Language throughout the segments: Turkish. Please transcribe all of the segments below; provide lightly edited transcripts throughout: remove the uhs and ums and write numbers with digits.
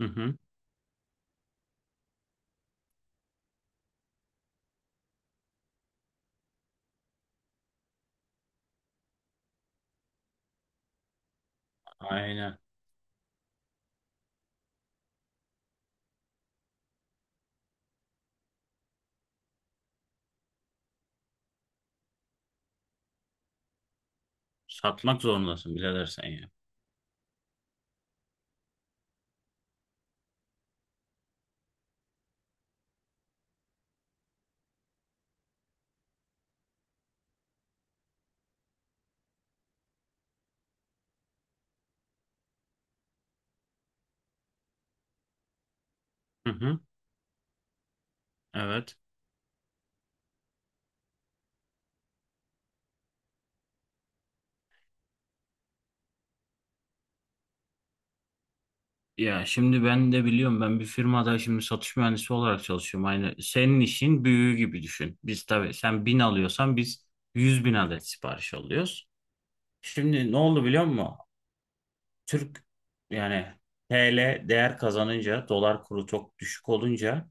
Hı hı. Aynen. Satmak zorundasın birader sen ya. Hı hı. Evet. Ya şimdi ben de biliyorum, ben bir firmada şimdi satış mühendisi olarak çalışıyorum. Aynı senin işin büyüğü gibi düşün. Biz tabii sen bin alıyorsan biz 100.000 adet sipariş alıyoruz. Şimdi ne oldu biliyor musun? Türk, yani TL değer kazanınca, dolar kuru çok düşük olunca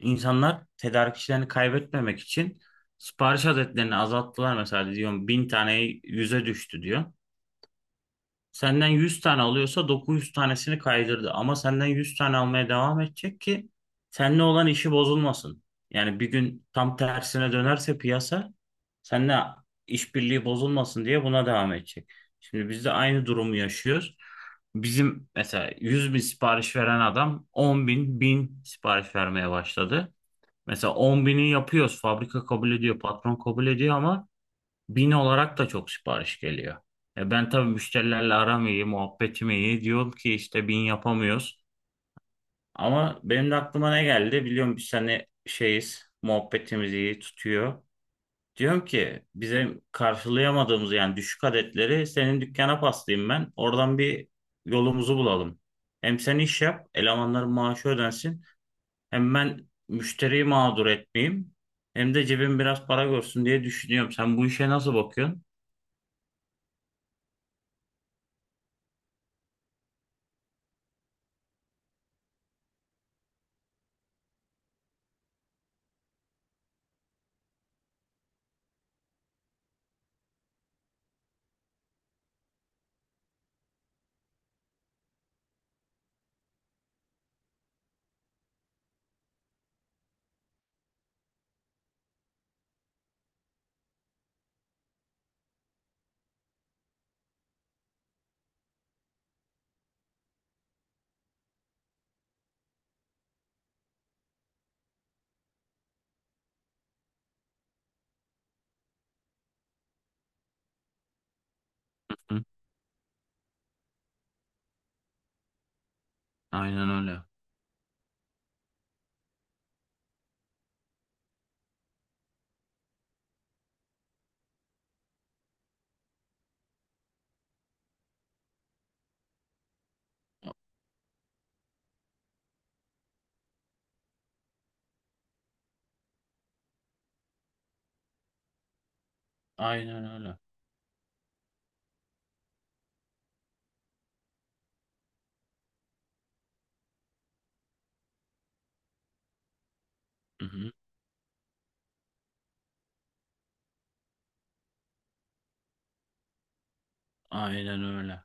insanlar tedarikçilerini kaybetmemek için sipariş adetlerini azalttılar. Mesela diyorum, 1.000 tane 100'e düştü diyor. Senden 100 tane alıyorsa 900 tanesini kaydırdı. Ama senden 100 tane almaya devam edecek ki seninle olan işi bozulmasın. Yani bir gün tam tersine dönerse piyasa, seninle işbirliği bozulmasın diye buna devam edecek. Şimdi biz de aynı durumu yaşıyoruz. Bizim mesela 100.000 sipariş veren adam 10.000, 1.000 sipariş vermeye başladı. Mesela 10.000'i yapıyoruz. Fabrika kabul ediyor, patron kabul ediyor, ama 1.000 olarak da çok sipariş geliyor. E, ben tabii müşterilerle aram iyi, muhabbetim iyi. Diyorum ki işte 1.000 yapamıyoruz. Ama benim de aklıma ne geldi? Biliyorum biz hani şeyiz, muhabbetimiz iyi tutuyor. Diyorum ki bize, karşılayamadığımız yani düşük adetleri senin dükkana paslayayım ben. Oradan bir yolumuzu bulalım. Hem sen iş yap, elemanların maaşı ödensin. Hem ben müşteriyi mağdur etmeyeyim. Hem de cebim biraz para görsün diye düşünüyorum. Sen bu işe nasıl bakıyorsun? Aynen öyle. Aynen öyle. Hı hı. Aynen öyle.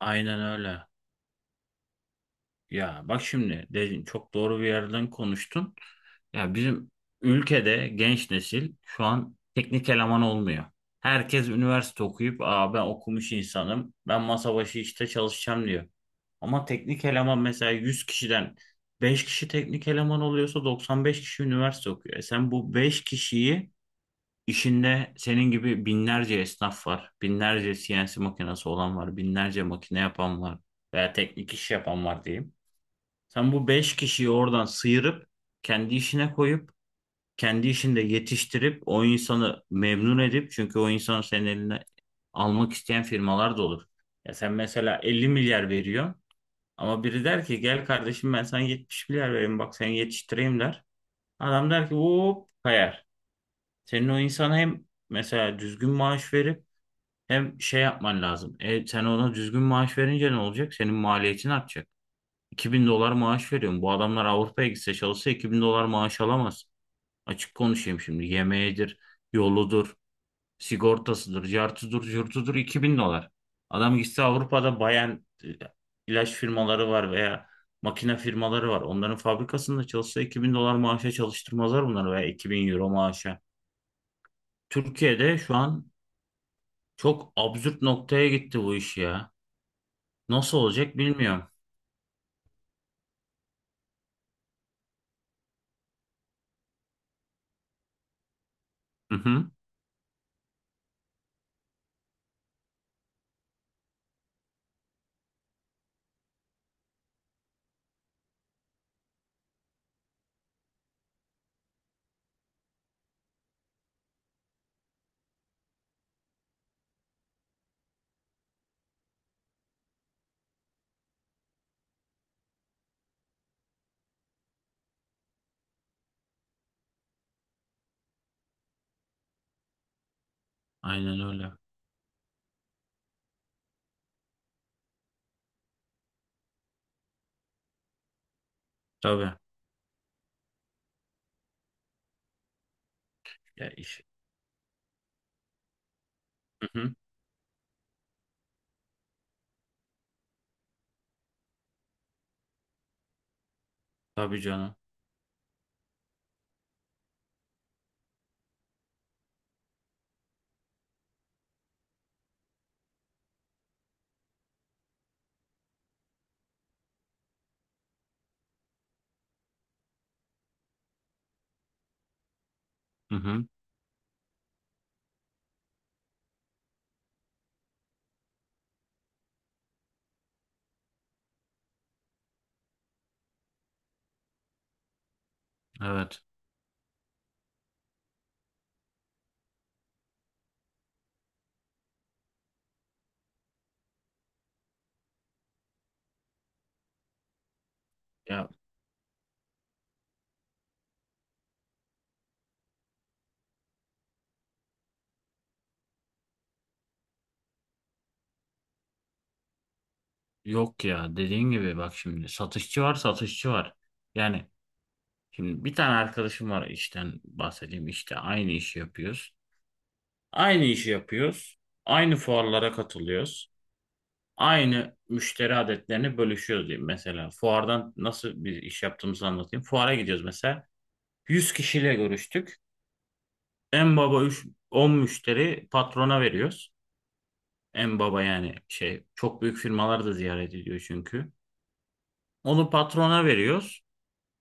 Aynen öyle. Ya bak, şimdi dedin, çok doğru bir yerden konuştun. Ya bizim ülkede genç nesil şu an teknik eleman olmuyor. Herkes üniversite okuyup, aa, ben okumuş insanım, ben masa başı işte çalışacağım diyor. Ama teknik eleman, mesela 100 kişiden 5 kişi teknik eleman oluyorsa 95 kişi üniversite okuyor. E sen bu 5 kişiyi, İşinde senin gibi binlerce esnaf var. Binlerce CNC makinesi olan var. Binlerce makine yapan var. Veya teknik iş yapan var diyeyim. Sen bu beş kişiyi oradan sıyırıp kendi işine koyup kendi işinde yetiştirip o insanı memnun edip, çünkü o insanı senin eline almak isteyen firmalar da olur. Ya sen mesela 50 milyar veriyorsun ama biri der ki gel kardeşim ben sana 70 milyar vereyim, bak seni yetiştireyim der. Adam der ki hop, kayar. Senin o insana hem mesela düzgün maaş verip hem şey yapman lazım. E, sen ona düzgün maaş verince ne olacak? Senin maliyetin artacak. 2.000 dolar maaş veriyorum. Bu adamlar Avrupa'ya gitse çalışsa 2.000 dolar maaş alamaz. Açık konuşayım şimdi. Yemeğidir, yoludur, sigortasıdır, cartıdır, curtudur, 2.000 dolar. Adam gitse Avrupa'da bayan ilaç firmaları var veya makine firmaları var. Onların fabrikasında çalışsa 2000 dolar maaşa çalıştırmazlar bunları, veya 2.000 euro maaşa. Türkiye'de şu an çok absürt noktaya gitti bu iş ya. Nasıl olacak bilmiyorum. Hı hı. Aynen öyle. Tabii. Ya iş. Hı hı. Tabii canım. Hı hı. Evet. Ya yok ya, dediğin gibi, bak şimdi satışçı var, satışçı var. Yani şimdi bir tane arkadaşım var, işten bahsedeyim, işte aynı işi yapıyoruz. Aynı işi yapıyoruz. Aynı fuarlara katılıyoruz. Aynı müşteri adetlerini bölüşüyoruz diyeyim mesela. Fuardan nasıl bir iş yaptığımızı anlatayım. Fuara gidiyoruz mesela. 100 kişiyle görüştük. En baba 3, 10 müşteri patrona veriyoruz. En baba yani şey, çok büyük firmalar da ziyaret ediyor çünkü. Onu patrona veriyoruz.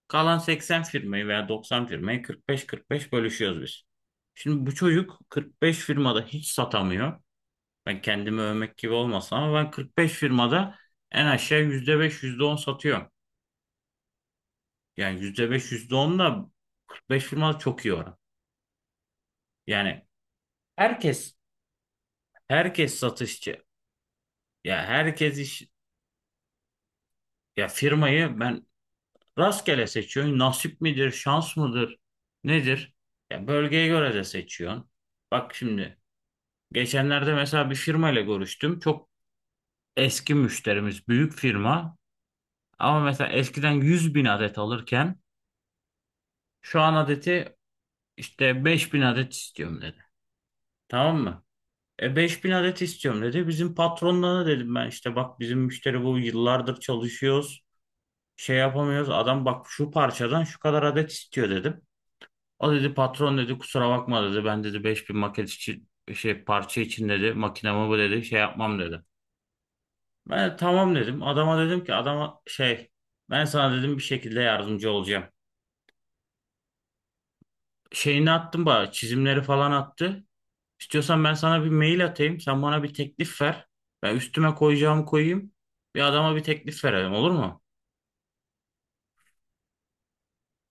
Kalan 80 firmayı veya 90 firmayı 45-45 bölüşüyoruz biz. Şimdi bu çocuk 45 firmada hiç satamıyor. Ben kendimi övmek gibi olmasın ama ben 45 firmada en aşağı %5 %10 satıyorum. Yani %5 %10 da 45 firmada çok iyi oran. Yani herkes Herkes satışçı. Ya herkes iş, ya firmayı ben rastgele seçiyorum. Nasip midir, şans mıdır, nedir? Ya bölgeye göre de seçiyorsun. Bak şimdi geçenlerde mesela bir firma ile görüştüm. Çok eski müşterimiz, büyük firma. Ama mesela eskiden 100.000 adet alırken şu an adeti işte 5.000 adet istiyorum dedi. Tamam mı? E 5.000 adet istiyorum dedi. Bizim patronlarına dedim, ben işte bak bizim müşteri bu, yıllardır çalışıyoruz, şey yapamıyoruz. Adam bak şu parçadan şu kadar adet istiyor dedim. O dedi, patron dedi, kusura bakma dedi. Ben dedi 5.000 maket için, şey parça için dedi makinamı bu dedi şey yapmam dedi. Ben de tamam dedim. Adama dedim ki, adama şey, ben sana dedim bir şekilde yardımcı olacağım. Şeyini attım, bana çizimleri falan attı. İstiyorsan ben sana bir mail atayım. Sen bana bir teklif ver. Ben üstüme koyacağımı koyayım. Bir adama bir teklif verelim, olur mu?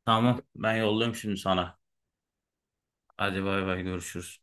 Tamam ben yolluyorum şimdi sana. Hadi bay bay, görüşürüz.